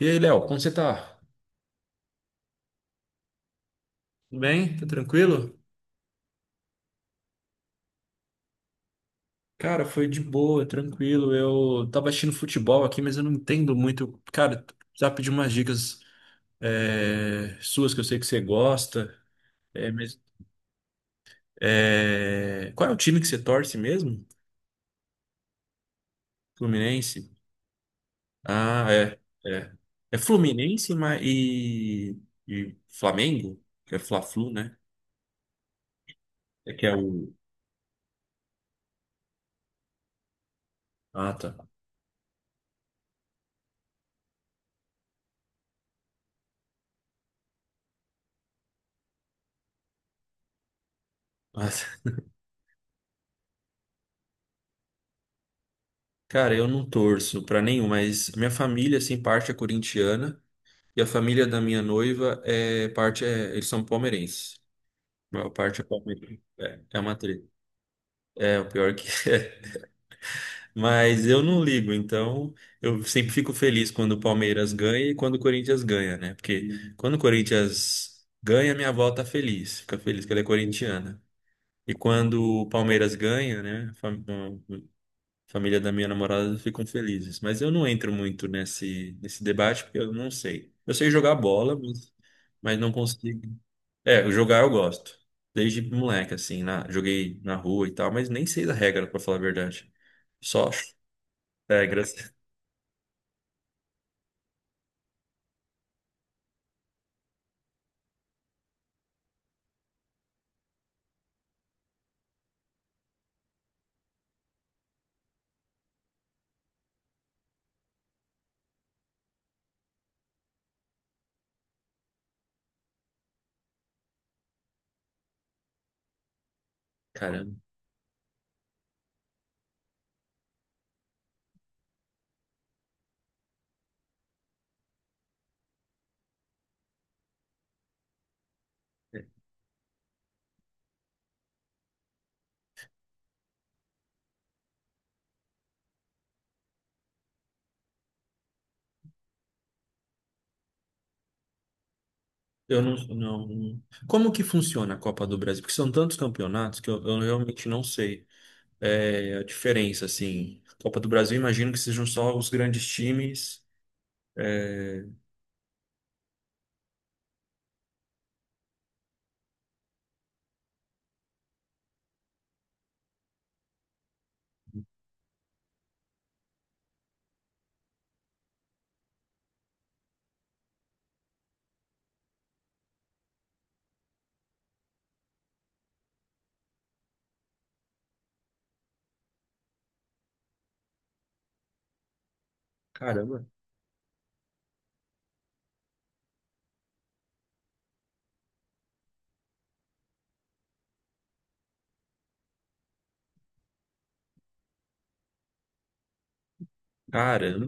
E aí, Léo, como você tá? Tudo bem? Tá tranquilo? Cara, foi de boa, tranquilo. Eu tava assistindo futebol aqui, mas eu não entendo muito. Cara, já pedi umas dicas suas que eu sei que você gosta. É, mas, qual é o time que você torce mesmo? Fluminense? Ah, é. É, Fluminense e Flamengo? Que é Fla-Flu, né? É que é o. Ah, tá. Cara, eu não torço pra nenhum, mas minha família, assim, parte é corintiana e a família da minha noiva eles são palmeirenses. A maior parte é palmeirense. É, é uma treta. É, o pior é que. Mas eu não ligo, então eu sempre fico feliz quando o Palmeiras ganha e quando o Corinthians ganha, né? Porque quando o Corinthians ganha, minha avó fica feliz que ela é corintiana. E quando o Palmeiras ganha, né? Família da minha namorada ficam felizes. Mas eu não entro muito nesse debate porque eu não sei. Eu sei jogar bola, mas não consigo. É, jogar eu gosto. Desde moleque, joguei na rua e tal, mas nem sei da regra, pra falar a verdade. Só regras. Caramba. Eu não, não. Como que funciona a Copa do Brasil? Porque são tantos campeonatos que eu realmente não sei a diferença, assim. Copa do Brasil, imagino que sejam só os grandes times. Caramba. Cara.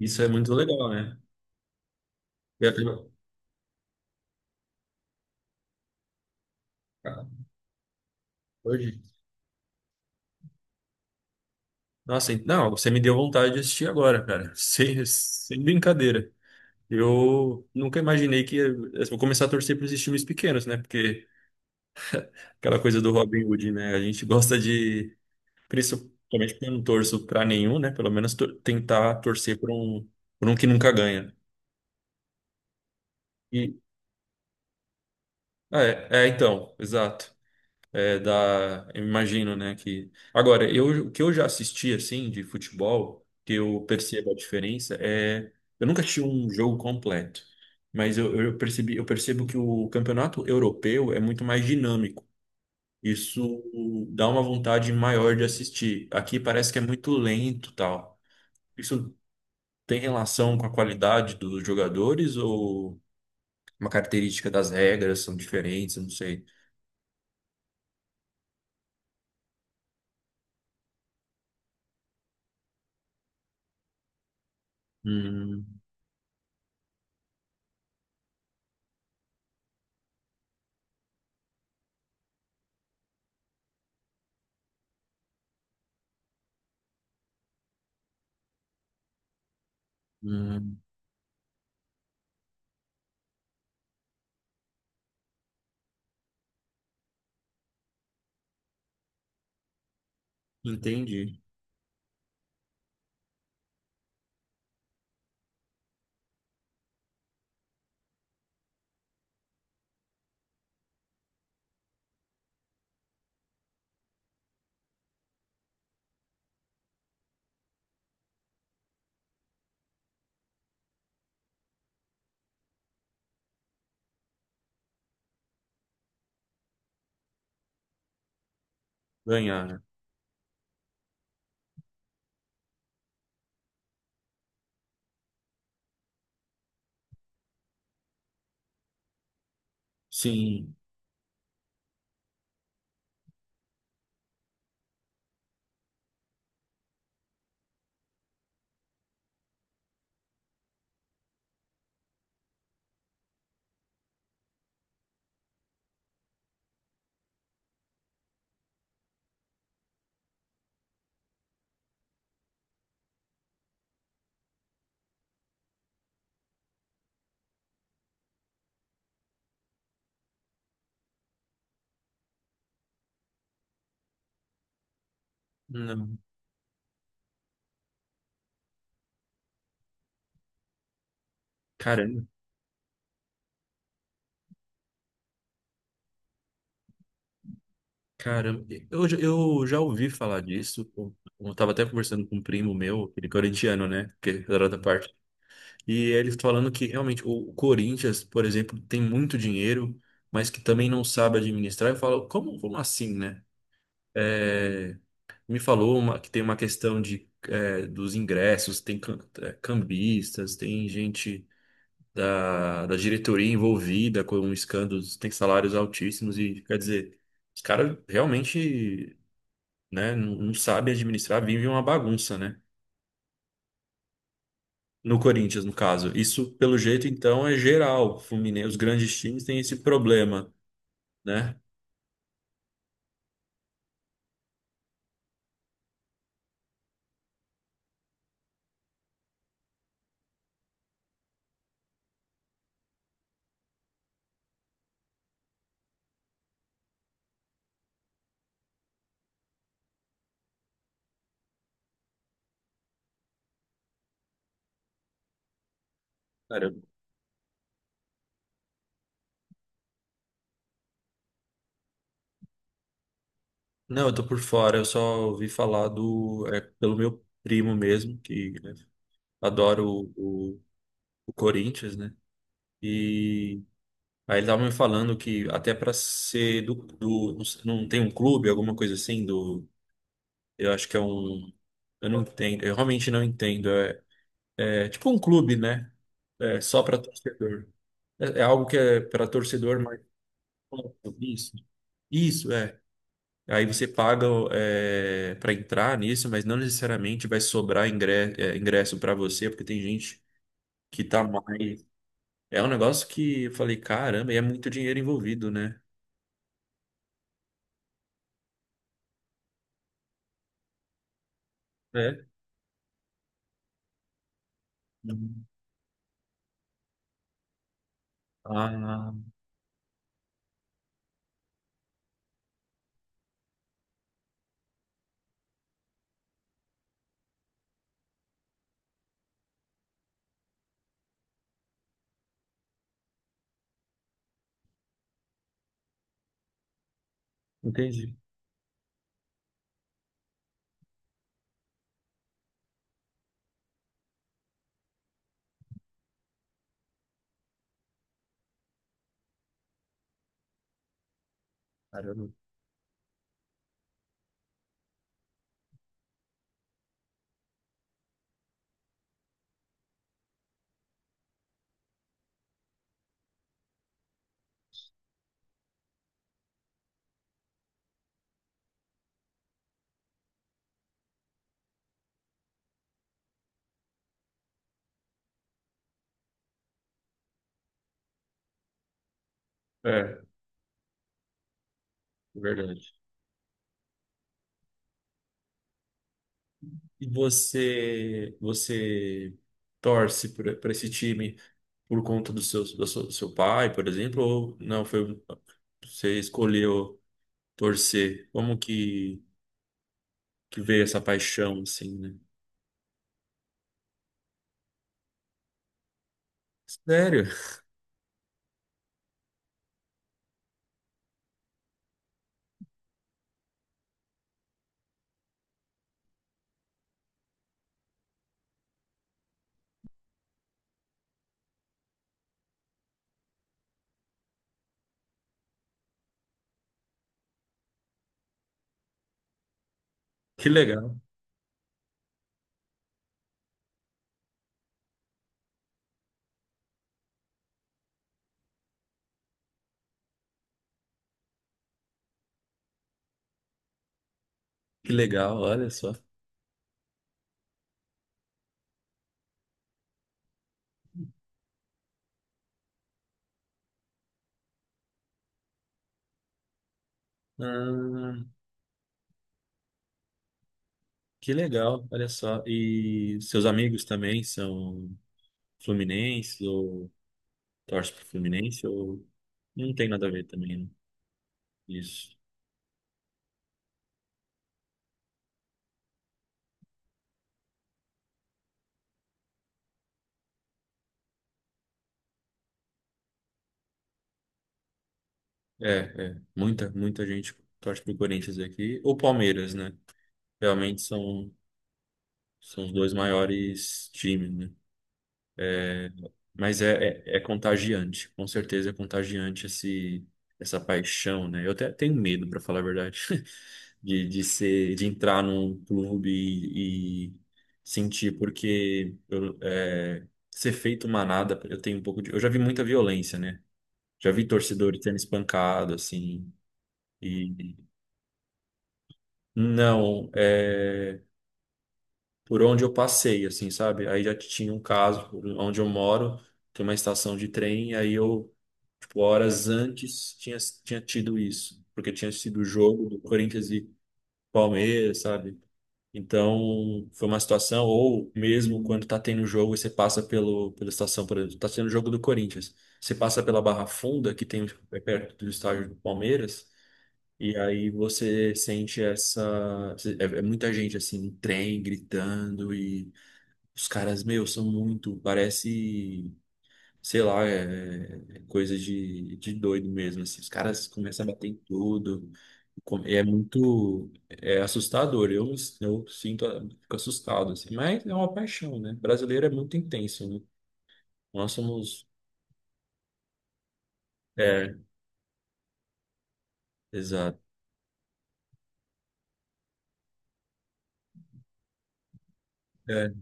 Isso é muito legal, né? Eu- eu- cara, hoje. Nossa, não, você me deu vontade de assistir agora, cara. Sem brincadeira. Eu nunca imaginei que eu vou começar a torcer para esses times pequenos, né? Porque aquela coisa do Robin Hood, né? A gente gosta de, principalmente porque eu não torço para nenhum, né? Pelo menos tentar torcer por um que nunca ganha. E, então, exato. Eu imagino, né, que agora eu o que eu já assisti assim de futebol, que eu percebo a diferença eu nunca assisti um jogo completo, mas eu percebo que o campeonato europeu é muito mais dinâmico. Isso dá uma vontade maior de assistir. Aqui parece que é muito lento, tal. Isso tem relação com a qualidade dos jogadores ou uma característica das regras são diferentes, eu não sei. Hum, hum, entendi. Ganharam. Sim. Não. Caramba, caramba. Eu já ouvi falar disso. Eu tava até conversando com um primo meu, aquele corintiano, né? Que era da parte. E eles falando que realmente o Corinthians, por exemplo, tem muito dinheiro, mas que também não sabe administrar. Eu falo, como assim, né? É, me falou que tem uma questão de, dos ingressos, tem cambistas, tem gente. Da diretoria envolvida com escândalos, tem salários altíssimos e, quer dizer, os caras realmente, né, não sabem administrar, vivem uma bagunça, né? No Corinthians, no caso. Isso, pelo jeito, então, é geral. Fluminense, os grandes times têm esse problema, né? Cara, eu- não, eu tô por fora, eu só ouvi falar pelo meu primo mesmo, que né, adora o o Corinthians, né? E aí ele tava me falando que até para ser não tem um clube, alguma coisa assim do, eu acho que é um, eu não entendo, eu realmente não entendo. É, é tipo um clube, né? É só para torcedor. É, é algo que é para torcedor, mas isso, isso é. Aí você paga para entrar nisso, mas não necessariamente vai sobrar ingresso para você, porque tem gente que tá mais. É um negócio que eu falei, caramba, e é muito dinheiro envolvido, né? É. Uhum. Ah, entendi. Caramba. É, verdade. E você torce para esse time por conta do seu pai, por exemplo, ou não foi você escolheu torcer? Como que veio essa paixão assim, né? Sério? Que legal. Que legal, olha só. Ah, que legal, olha só. E seus amigos também são fluminenses ou torce pro Fluminense ou não tem nada a ver também, né? Isso. É, é. Muita gente torce pro Corinthians aqui. Ou Palmeiras, né? Realmente são, são os dois maiores times, né? É contagiante. Com certeza é contagiante essa paixão, né? Eu até tenho medo, para falar a verdade, de ser, de entrar num clube e sentir, porque ser feito manada, eu tenho um pouco de. Eu já vi muita violência, né? Já vi torcedores sendo espancado, assim. E não, é por onde eu passei, assim, sabe? Aí já tinha um caso, por onde eu moro, tem uma estação de trem, e tipo, horas antes tinha, tinha tido isso, porque tinha sido o jogo do Corinthians e Palmeiras, sabe? Então, foi uma situação, ou mesmo quando tá tendo jogo e você passa pela estação, por exemplo, tá tendo jogo do Corinthians, você passa pela Barra Funda, que tem é perto do estádio do Palmeiras, e aí você sente essa. É muita gente assim, no trem, gritando, e os caras, meu, são muito. Parece, sei lá, é, é é coisa de doido mesmo. Assim. Os caras começam a bater em tudo. É muito. É assustador. Eu sinto, ah, fico assustado, assim. Mas é uma paixão, né? Brasileiro é muito intenso, né? Nós somos. É, exato. É,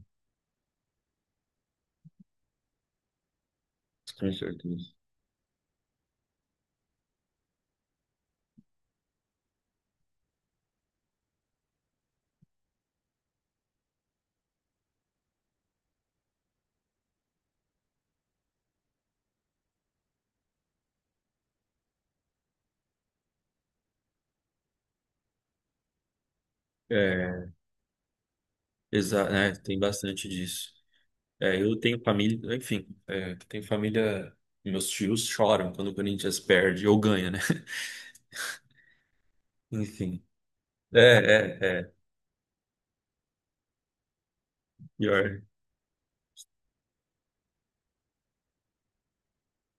com certeza. É, exato, né? Tem bastante disso. Eu tenho família, tenho família, meus tios choram quando o Corinthians perde ou ganha, né? Enfim. É, é, é. Pior.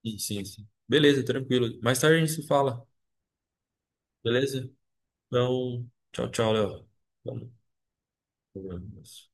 Sim, sim, sim. Beleza, tranquilo. Mais tarde a gente se fala, beleza? Então, tchau, tchau, Léo. Vamos.